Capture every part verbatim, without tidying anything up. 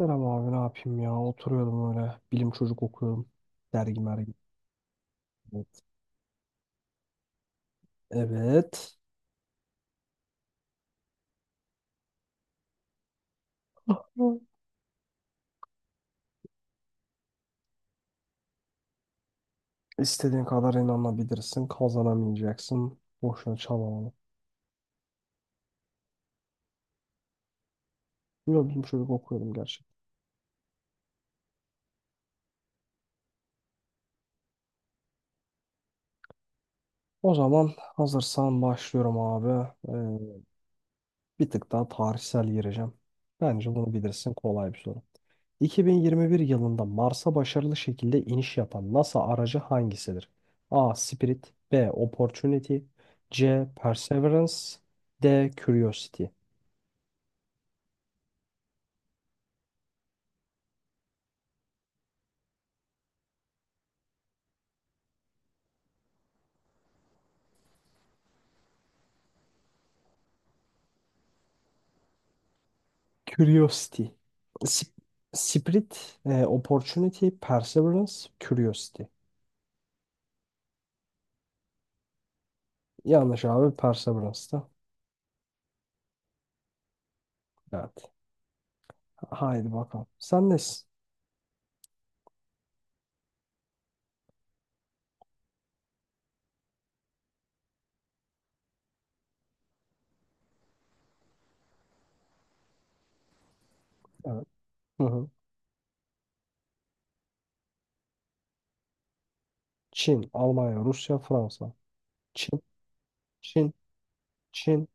Selam abi ne yapayım ya oturuyordum öyle bilim çocuk okuyordum dergi mergi. Evet. Evet. Hı. İstediğin kadar inanabilirsin, kazanamayacaksın, boşuna çabalama. Yo, bilim çocuk okuyordum gerçekten. O zaman hazırsan başlıyorum abi. Ee, bir tık daha tarihsel gireceğim. Bence bunu bilirsin, kolay bir soru. iki bin yirmi bir yılında Mars'a başarılı şekilde iniş yapan NASA aracı hangisidir? A. Spirit B. Opportunity C. Perseverance D. Curiosity. Curiosity. Sp- Spirit, e, Opportunity, Perseverance, Curiosity. Yanlış abi, Perseverance'da. Evet. Haydi bakalım. Sen nesin? Evet. Hı hı. Çin, Almanya, Rusya, Fransa. Çin, Çin, Çin.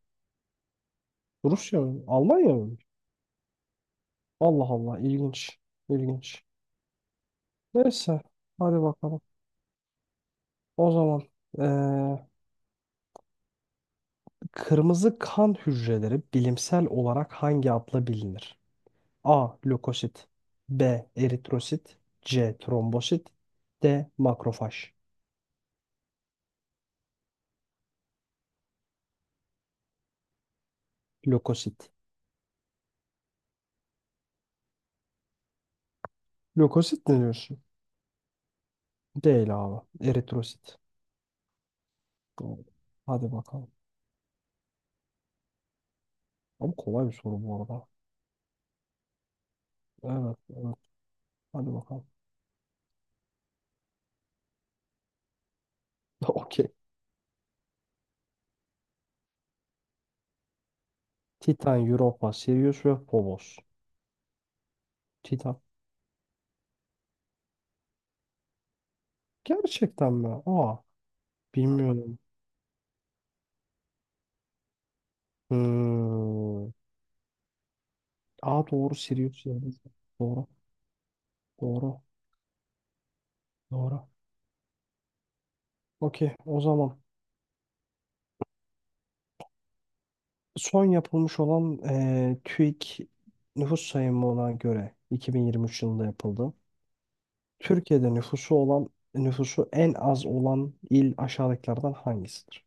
Rusya mı? Almanya mı? Allah Allah, ilginç. İlginç. Neyse, hadi bakalım. O zaman eee, kırmızı kan hücreleri bilimsel olarak hangi adla bilinir? A. Lökosit B. Eritrosit C. Trombosit D. Makrofaj. Lökosit. Lökosit ne diyorsun? Değil abi. Eritrosit. Doğru. Hadi bakalım. Ama kolay bir soru bu arada. Evet. Hadi bakalım. Okey. Titan, Europa, Sirius ve Phobos. Titan. Gerçekten mi? Aa. Bilmiyorum. Hmm. Aa doğru, Sirius yani. Doğru. Doğru. Doğru. Okey. O zaman son yapılmış olan eee TÜİK nüfus sayımına göre iki bin yirmi üç yılında yapıldı. Türkiye'de nüfusu olan nüfusu en az olan il aşağıdakilerden hangisidir?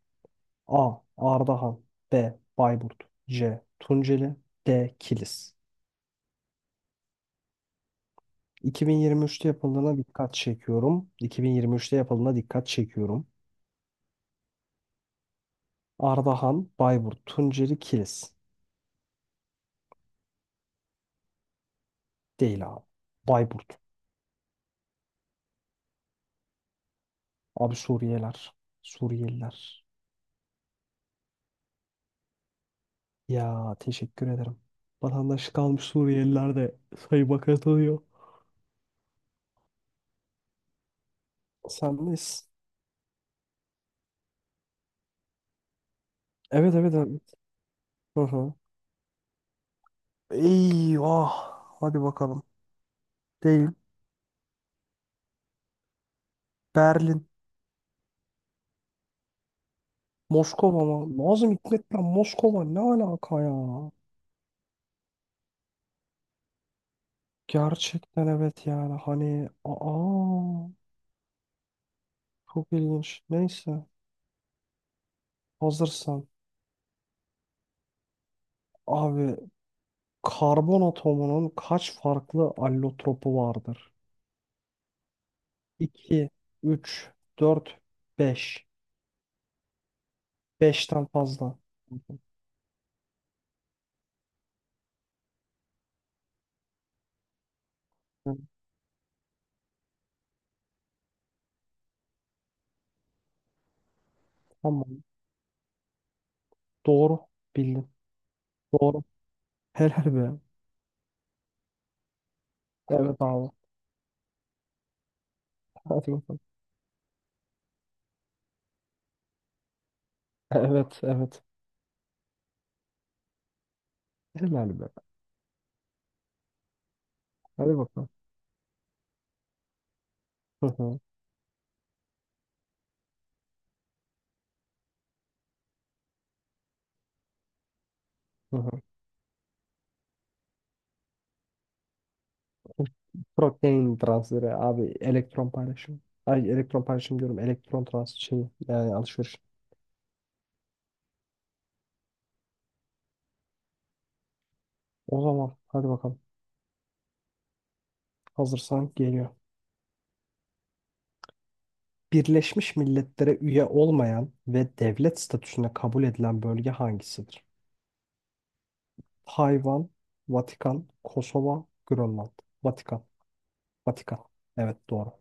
A. Ardahan B. Bayburt C. Tunceli D. Kilis. iki bin yirmi üçte yapıldığına dikkat çekiyorum. iki bin yirmi üçte yapıldığına dikkat çekiyorum. Ardahan, Bayburt, Tunceli, Kilis. Değil abi. Bayburt. Abi, Suriyeliler. Suriyeliler. Ya, teşekkür ederim. Vatandaşlık almış Suriyeliler de sayıma katılıyor. Sendeyiz. Evet, evet, evet. Hı hı. Eyvah. Hadi bakalım. Değil. Berlin. Moskova mı? Nazım Hikmet'le Moskova ne alaka ya? Gerçekten evet, yani hani aa çok ilginç. Neyse, hazırsan abi. Karbon atomunun kaç farklı allotropu vardır? iki, üç, dört, beş, beşten fazla. Tamam. Doğru bildin. Doğru. Helal be. Evet abi. Hadi bakalım. Evet, evet. Helal be. Hadi bakalım. Hı hı, hı hı. Protein transferi abi, elektron paylaşımı. Ay, elektron paylaşımı diyorum. Elektron transferi şeyi, yani alışveriş. O zaman hadi bakalım. Hazırsan geliyor. Birleşmiş Milletler'e üye olmayan ve devlet statüsüne kabul edilen bölge hangisidir? Tayvan, Vatikan, Kosova, Grönland. Vatikan. Vatikan. Evet, doğru.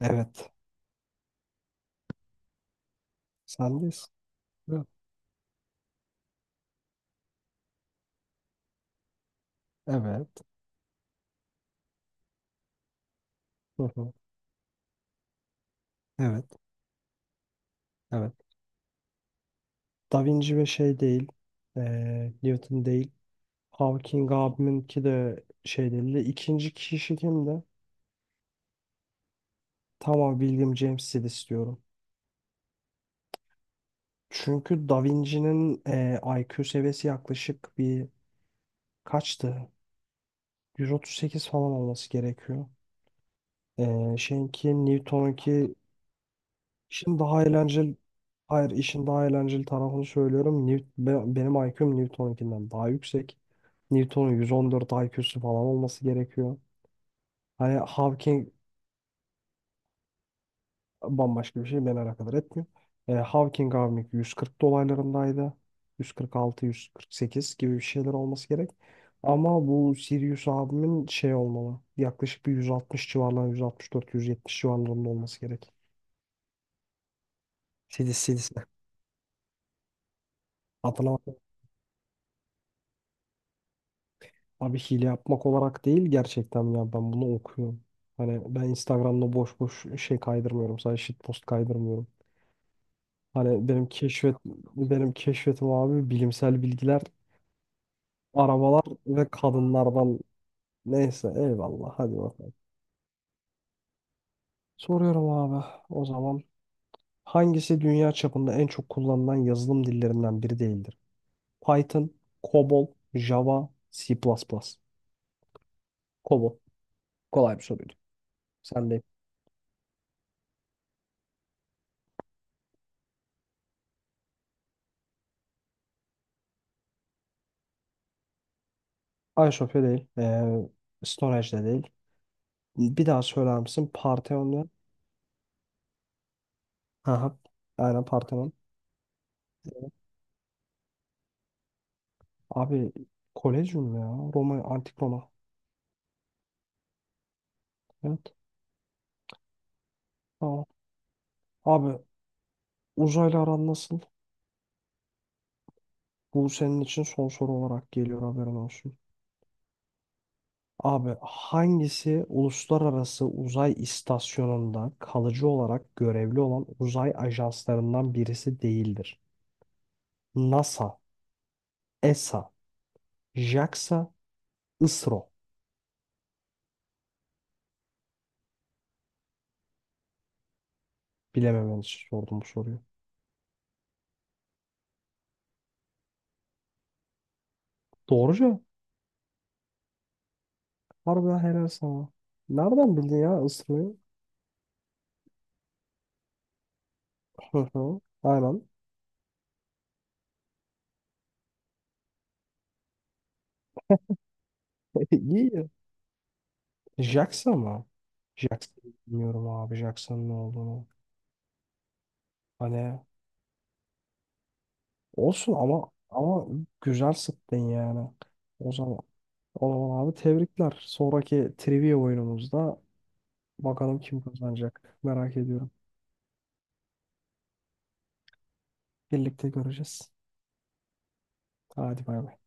Evet. Sendeyiz. Evet. Evet. Hı hı. Evet. Evet. Da Vinci ve şey değil. eee, Newton değil. Hawking abiminki de şey değil. De İkinci kişi kimdi? Tamam, William James istiyorum. Çünkü Da Vinci'nin eee I Q seviyesi yaklaşık bir kaçtı? Yüz otuz sekiz falan olması gerekiyor. Ee, şeyinki Newton'unki işin daha eğlenceli, hayır, işin daha eğlenceli tarafını söylüyorum. New, be- benim I Q'm Newton'unkinden daha yüksek. Newton'un yüz on dört I Q'su falan olması gerekiyor. Hani Hawking Bambaşka bir şey beni alakadar etmiyor. E, Hawking Avnik yüz kırk dolaylarındaydı. yüz kırk altı yüz kırk sekiz gibi bir şeyler olması gerek. Ama bu Sirius abimin şey olmalı. Yaklaşık bir yüz altmış civarlarında, yüz altmış dört yüz yetmiş civarlarında olması gerek. Sidis Sidis'le. Hatırlamak abi, hile yapmak olarak değil, gerçekten ya, ben bunu okuyorum. Hani ben Instagram'da boş boş şey kaydırmıyorum. Sadece shitpost kaydırmıyorum. Hani benim keşfet benim keşfetim abi bilimsel bilgiler. Arabalar ve kadınlardan neyse eyvallah, hadi bakalım. Soruyorum abi, o zaman hangisi dünya çapında en çok kullanılan yazılım dillerinden biri değildir? Python, COBOL, Java, C++. COBOL. Kolay bir soruydu. Sen değil. iSofya değil. Ee, Storage de değil. Bir daha söyler misin? Parthenon ve... Aha, aynen Parthenon. Abi, Kolezyum ya. Roma, Antik Roma. Evet. Tamam. Abi, uzaylı aran nasıl? Bu senin için son soru olarak geliyor, haberin olsun. Abi, hangisi uluslararası uzay istasyonunda kalıcı olarak görevli olan uzay ajanslarından birisi değildir? NASA, ESA, JAXA, ISRO. Bilememen için sordum bu soruyu. Doğru cevap. Harbiden helal sana. Nereden bildin ya ISRO'yu? Hı hı. Aynen. İyi. JAXA mı? JAXA bilmiyorum abi. JAXA'nın ne olduğunu. Hani olsun, ama ama güzel sıktın yani. O zaman o zaman abi, tebrikler. Sonraki trivia oyunumuzda bakalım kim kazanacak. Merak ediyorum. Birlikte göreceğiz. Hadi bay bay.